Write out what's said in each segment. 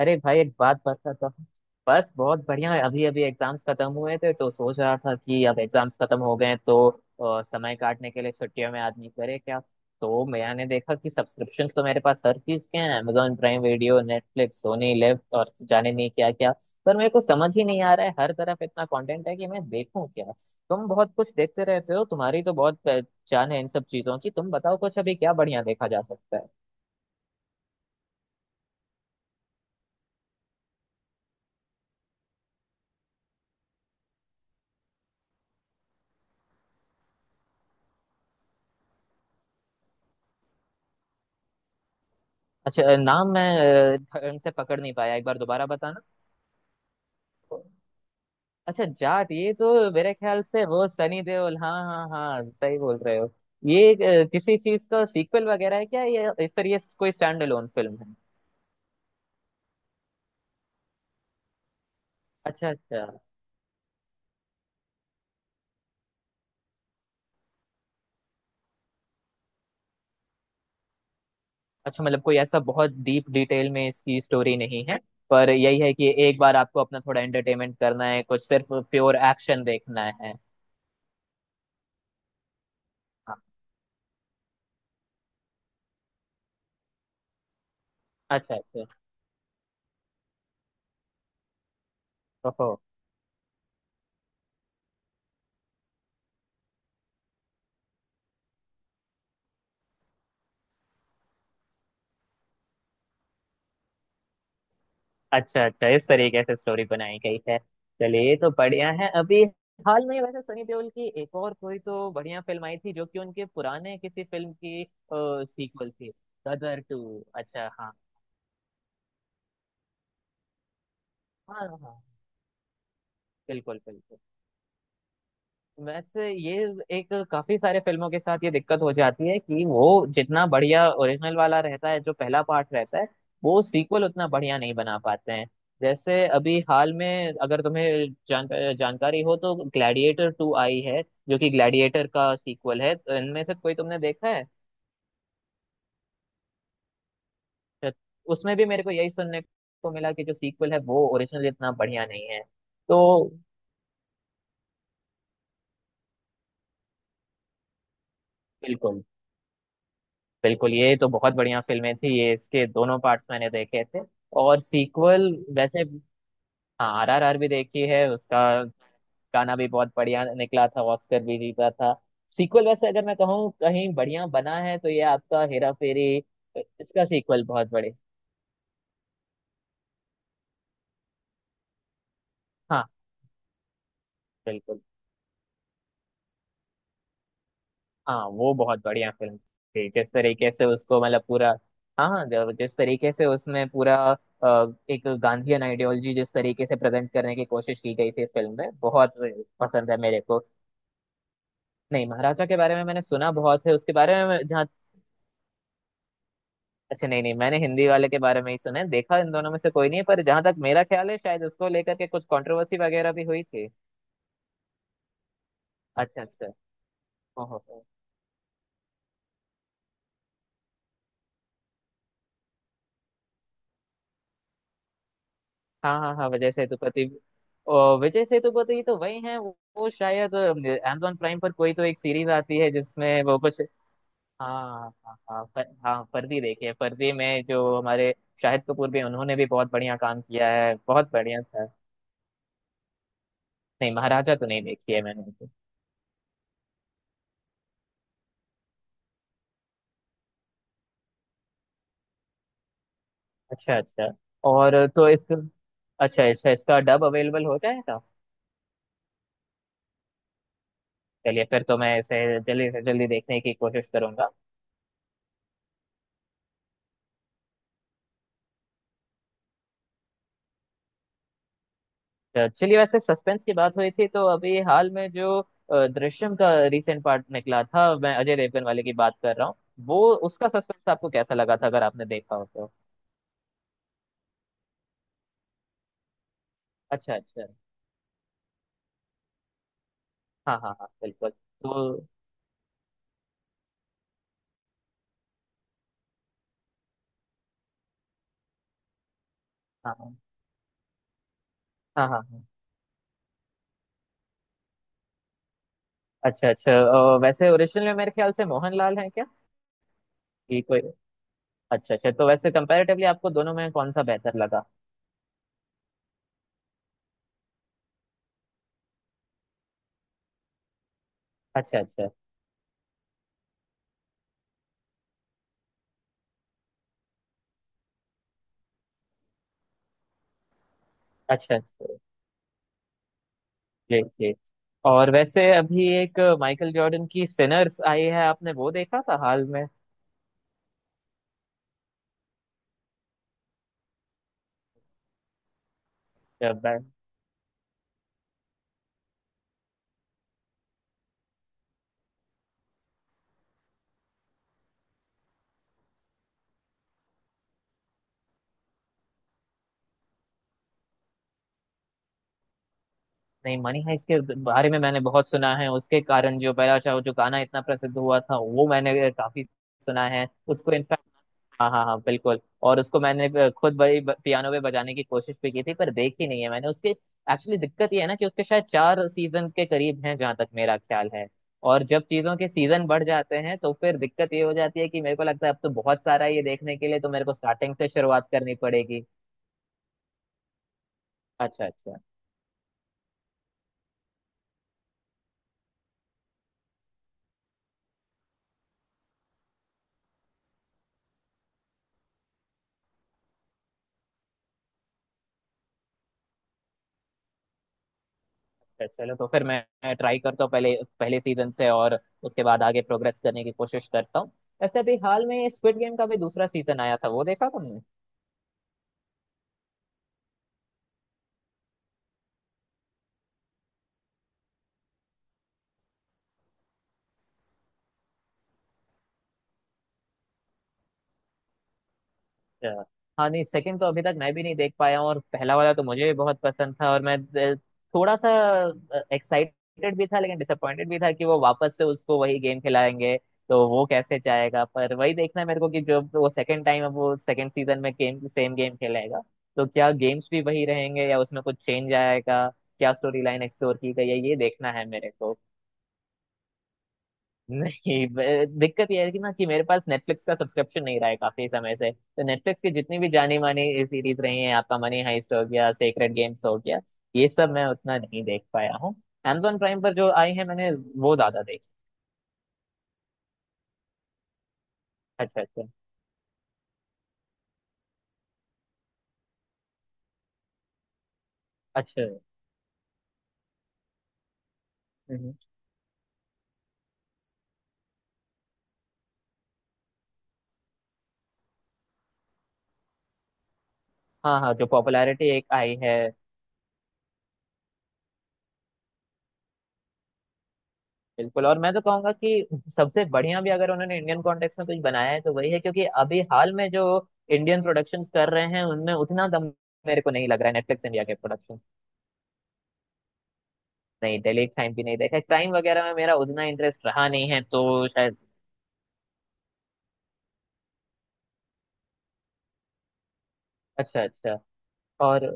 अरे भाई, एक बात बताता हूँ। बस बहुत बढ़िया है। अभी अभी एग्जाम्स खत्म हुए थे, तो सोच रहा था कि अब एग्जाम्स खत्म हो गए हैं, तो समय काटने के लिए छुट्टियों में आदमी करे क्या। तो मैंने देखा कि सब्सक्रिप्शंस तो मेरे पास हर चीज के हैं, Amazon Prime Video, Netflix, Sony LIV और जाने नहीं क्या क्या। पर मेरे को समझ ही नहीं आ रहा है, हर तरफ इतना कंटेंट है कि मैं देखूं क्या। तुम बहुत कुछ देखते रहते हो, तुम्हारी तो बहुत पहचान है इन सब चीजों की। तुम बताओ कुछ, अभी क्या बढ़िया देखा जा सकता है। अच्छा, नाम मैं ढंग से पकड़ नहीं पाया, एक बार दोबारा बताना। अच्छा, जाट। ये तो मेरे ख्याल से वो सनी देओल। हाँ हाँ हाँ, सही बोल रहे हो। ये किसी चीज का सीक्वल वगैरह है क्या ये, या फिर ये कोई स्टैंड अलोन फिल्म है। अच्छा अच्छा। अच्छा, मतलब कोई ऐसा बहुत डीप डिटेल में इसकी स्टोरी नहीं है, पर यही है कि एक बार आपको अपना थोड़ा एंटरटेनमेंट करना है, कुछ सिर्फ प्योर एक्शन देखना है। हाँ। अच्छा अच्छा। ओहो। अच्छा अच्छा, इस तरीके से स्टोरी बनाई गई है। चलिए, ये तो बढ़िया है। अभी हाल में वैसे सनी देओल की एक और कोई तो बढ़िया फिल्म आई थी, जो कि उनके पुराने किसी फिल्म की सीक्वल थी। गदर टू, अच्छा हाँ। हाँ हाँ हाँ। बिल्कुल बिल्कुल। वैसे ये एक, काफी सारे फिल्मों के साथ ये दिक्कत हो जाती है कि वो जितना बढ़िया ओरिजिनल वाला रहता है, जो पहला पार्ट रहता है, वो सीक्वल उतना बढ़िया नहीं बना पाते हैं। जैसे अभी हाल में, अगर तुम्हें जानकारी हो तो ग्लैडिएटर टू आई है, जो कि ग्लैडिएटर का सीक्वल है, तो इनमें से कोई तुमने देखा है। तो उसमें भी मेरे को यही सुनने को मिला कि जो सीक्वल है वो ओरिजिनल इतना बढ़िया नहीं है। तो बिल्कुल बिल्कुल, ये तो बहुत बढ़िया फिल्में थी ये, इसके दोनों पार्ट्स मैंने देखे थे। और सीक्वल वैसे, हाँ RRR भी देखी है उसका। गाना भी बहुत बढ़िया निकला था, ऑस्कर भी जीता था। सीक्वल वैसे अगर मैं कहूँ कहीं बढ़िया बना है तो ये आपका हेरा फेरी, इसका सीक्वल बहुत बढ़िया। हाँ। बिल्कुल। हाँ, वो बहुत बढ़िया फिल्म थी, जिस तरीके से उसको मतलब पूरा, हाँ जिस तरीके से उसमें पूरा एक गांधीयन आइडियोलॉजी जिस तरीके से प्रेजेंट करने की कोशिश की गई थी फिल्म में, बहुत पसंद है मेरे को। नहीं, महाराजा के बारे में मैंने सुना बहुत है, उसके बारे में जहाँ। अच्छा, नहीं नहीं, मैंने हिंदी वाले के बारे में ही सुना है, देखा इन दोनों में से कोई नहीं है, पर जहां तक मेरा ख्याल है शायद उसको लेकर के कुछ कंट्रोवर्सी वगैरह भी हुई थी। अच्छा अच्छा। ओहो। हाँ हाँ हाँ, विजय सेतुपति। ओ, विजय सेतुपति तो वही हैं। वो शायद अमेजोन प्राइम पर कोई तो एक सीरीज आती है जिसमें वो कुछ, हाँ हाँ हाँ, पर, हाँ फर्जी। देखिए फर्जी में जो हमारे शाहिद कपूर, भी उन्होंने भी बहुत बढ़िया काम किया है, बहुत बढ़िया था। नहीं, महाराजा तो नहीं देखी है मैंने तो। अच्छा अच्छा। और तो इसका, अच्छा अच्छा, इसका डब अवेलेबल हो जाएगा। चलिए, फिर तो मैं इसे जल्दी से जल्दी देखने की कोशिश करूंगा। चलिए, वैसे सस्पेंस की बात हुई थी, तो अभी हाल में जो दृश्यम का रिसेंट पार्ट निकला था, मैं अजय देवगन वाले की बात कर रहा हूँ, वो उसका सस्पेंस आपको कैसा लगा था, अगर आपने देखा हो तो। अच्छा अच्छा। हाँ हाँ हाँ, बिल्कुल। तो हाँ हाँ हाँ हाँ हाँ। अच्छा अच्छा। वैसे ओरिजिनल में मेरे ख्याल से मोहनलाल है क्या, कि कोई, अच्छा अच्छा। तो वैसे कंपैरेटिवली आपको दोनों में कौन सा बेहतर लगा। अच्छा अच्छा। अच्छा अच्छा। जी जी। और वैसे अभी एक माइकल जॉर्डन की सिनर्स आई है, आपने वो देखा था हाल में। बैट। नहीं मनी है, इसके बारे में मैंने बहुत सुना है। उसके कारण जो पहला चाहो, जो गाना इतना प्रसिद्ध हुआ था, वो मैंने काफी सुना है उसको, इनफैक्ट। हाँ हाँ हाँ, बिल्कुल, और उसको मैंने खुद बड़ी पियानो पे बजाने की कोशिश भी की थी, पर देखी नहीं है मैंने उसके। एक्चुअली दिक्कत ये है ना कि उसके शायद चार सीजन के करीब हैं, जहां तक मेरा ख्याल है। और जब चीजों के सीजन बढ़ जाते हैं, तो फिर दिक्कत ये हो जाती है कि मेरे को लगता है अब तो बहुत सारा है ये देखने के लिए, तो मेरे को स्टार्टिंग से शुरुआत करनी पड़ेगी। अच्छा अच्छा है। चलो, तो फिर मैं ट्राई करता हूँ पहले, पहले सीजन से, और उसके बाद आगे प्रोग्रेस करने की कोशिश करता हूँ। ऐसे अभी हाल में स्क्विड गेम का भी दूसरा सीजन आया था, वो देखा तुमने। अच्छा। हाँ, नहीं सेकंड तो अभी तक मैं भी नहीं देख पाया हूँ, और पहला वाला तो मुझे भी बहुत पसंद था, और मैं अ, थोड़ा सा एक्साइटेड भी था, लेकिन डिसअपॉइंटेड भी था कि वो वापस से उसको वही गेम खिलाएंगे। तो वो कैसे जाएगा। पर वही देखना है मेरे को कि जो वो सेकंड टाइम, अब वो सेकंड सीजन में गेम, सेम गेम खेलेगा, तो क्या गेम्स भी वही रहेंगे, या उसमें कुछ चेंज आएगा, क्या स्टोरी लाइन एक्सप्लोर की गई है, ये देखना है मेरे को। नहीं, दिक्कत यह है कि ना कि मेरे पास नेटफ्लिक्स का सब्सक्रिप्शन नहीं रहा है काफी समय से, तो नेटफ्लिक्स की जितनी भी जानी मानी सीरीज रही हैं, आपका मनी हाइस्ट हो गया, सेक्रेड गेम्स हो गया, ये सब मैं उतना नहीं देख पाया हूँ। Amazon प्राइम पर जो आई है मैंने, वो ज्यादा देखी। अच्छा अच्छा। अच्छा हम्म। हाँ हाँ, जो पॉपुलैरिटी एक आई है, बिल्कुल। और मैं तो कहूंगा कि सबसे बढ़िया भी अगर उन्होंने इंडियन कॉन्टेक्स्ट में कुछ बनाया है तो वही है, क्योंकि अभी हाल में जो इंडियन प्रोडक्शंस कर रहे हैं उनमें उतना दम मेरे को नहीं लग रहा है, नेटफ्लिक्स इंडिया के प्रोडक्शन। नहीं, डेलीट टाइम भी नहीं देखा, क्राइम वगैरह में मेरा उतना इंटरेस्ट रहा नहीं है तो शायद, अच्छा अच्छा। और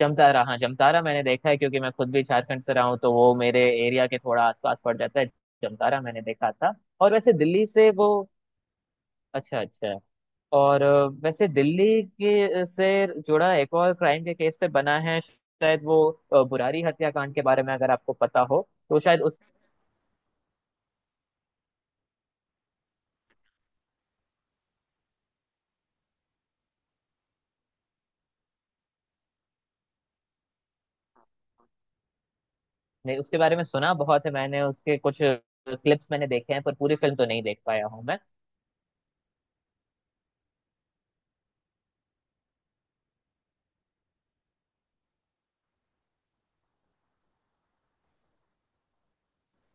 जमतारा, हाँ जमतारा मैंने देखा है, क्योंकि मैं खुद भी झारखंड से रहा हूँ तो वो मेरे एरिया के थोड़ा आसपास पड़ जाता है। जमतारा मैंने देखा था। और वैसे दिल्ली से वो, अच्छा अच्छा। और वैसे दिल्ली के से जुड़ा एक और क्राइम के केस पे बना है, शायद वो बुरारी हत्याकांड के बारे में, अगर आपको पता हो तो शायद उस, नहीं, उसके बारे में सुना बहुत है मैंने, उसके कुछ क्लिप्स मैंने देखे हैं पर पूरी फिल्म तो नहीं देख पाया हूँ मैं।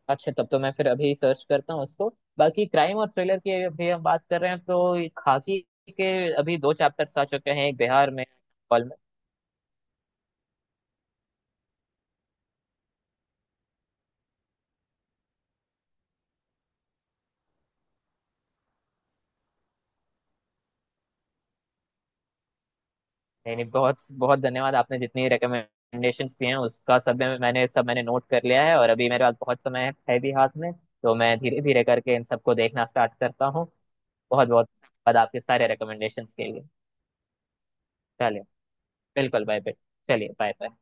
अच्छा, तब तो मैं फिर अभी सर्च करता हूँ उसको। बाकी क्राइम और थ्रिलर की अभी हम बात कर रहे हैं तो, ये खाकी के अभी दो चैप्टर्स आ चुके हैं, एक बिहार में, भोपाल में। नहीं नहीं, बहुत बहुत धन्यवाद। आपने जितनी रिकमेंडेशंस दी हैं उसका सब मैंने सब, मैंने नोट कर लिया है, और अभी मेरे पास बहुत समय है भी हाथ में, तो मैं धीरे धीरे करके इन सबको देखना स्टार्ट करता हूँ। बहुत बहुत धन्यवाद आपके सारे रिकमेंडेशंस के लिए। चलिए, बिल्कुल, बाय बाय। चलिए, बाय बाय।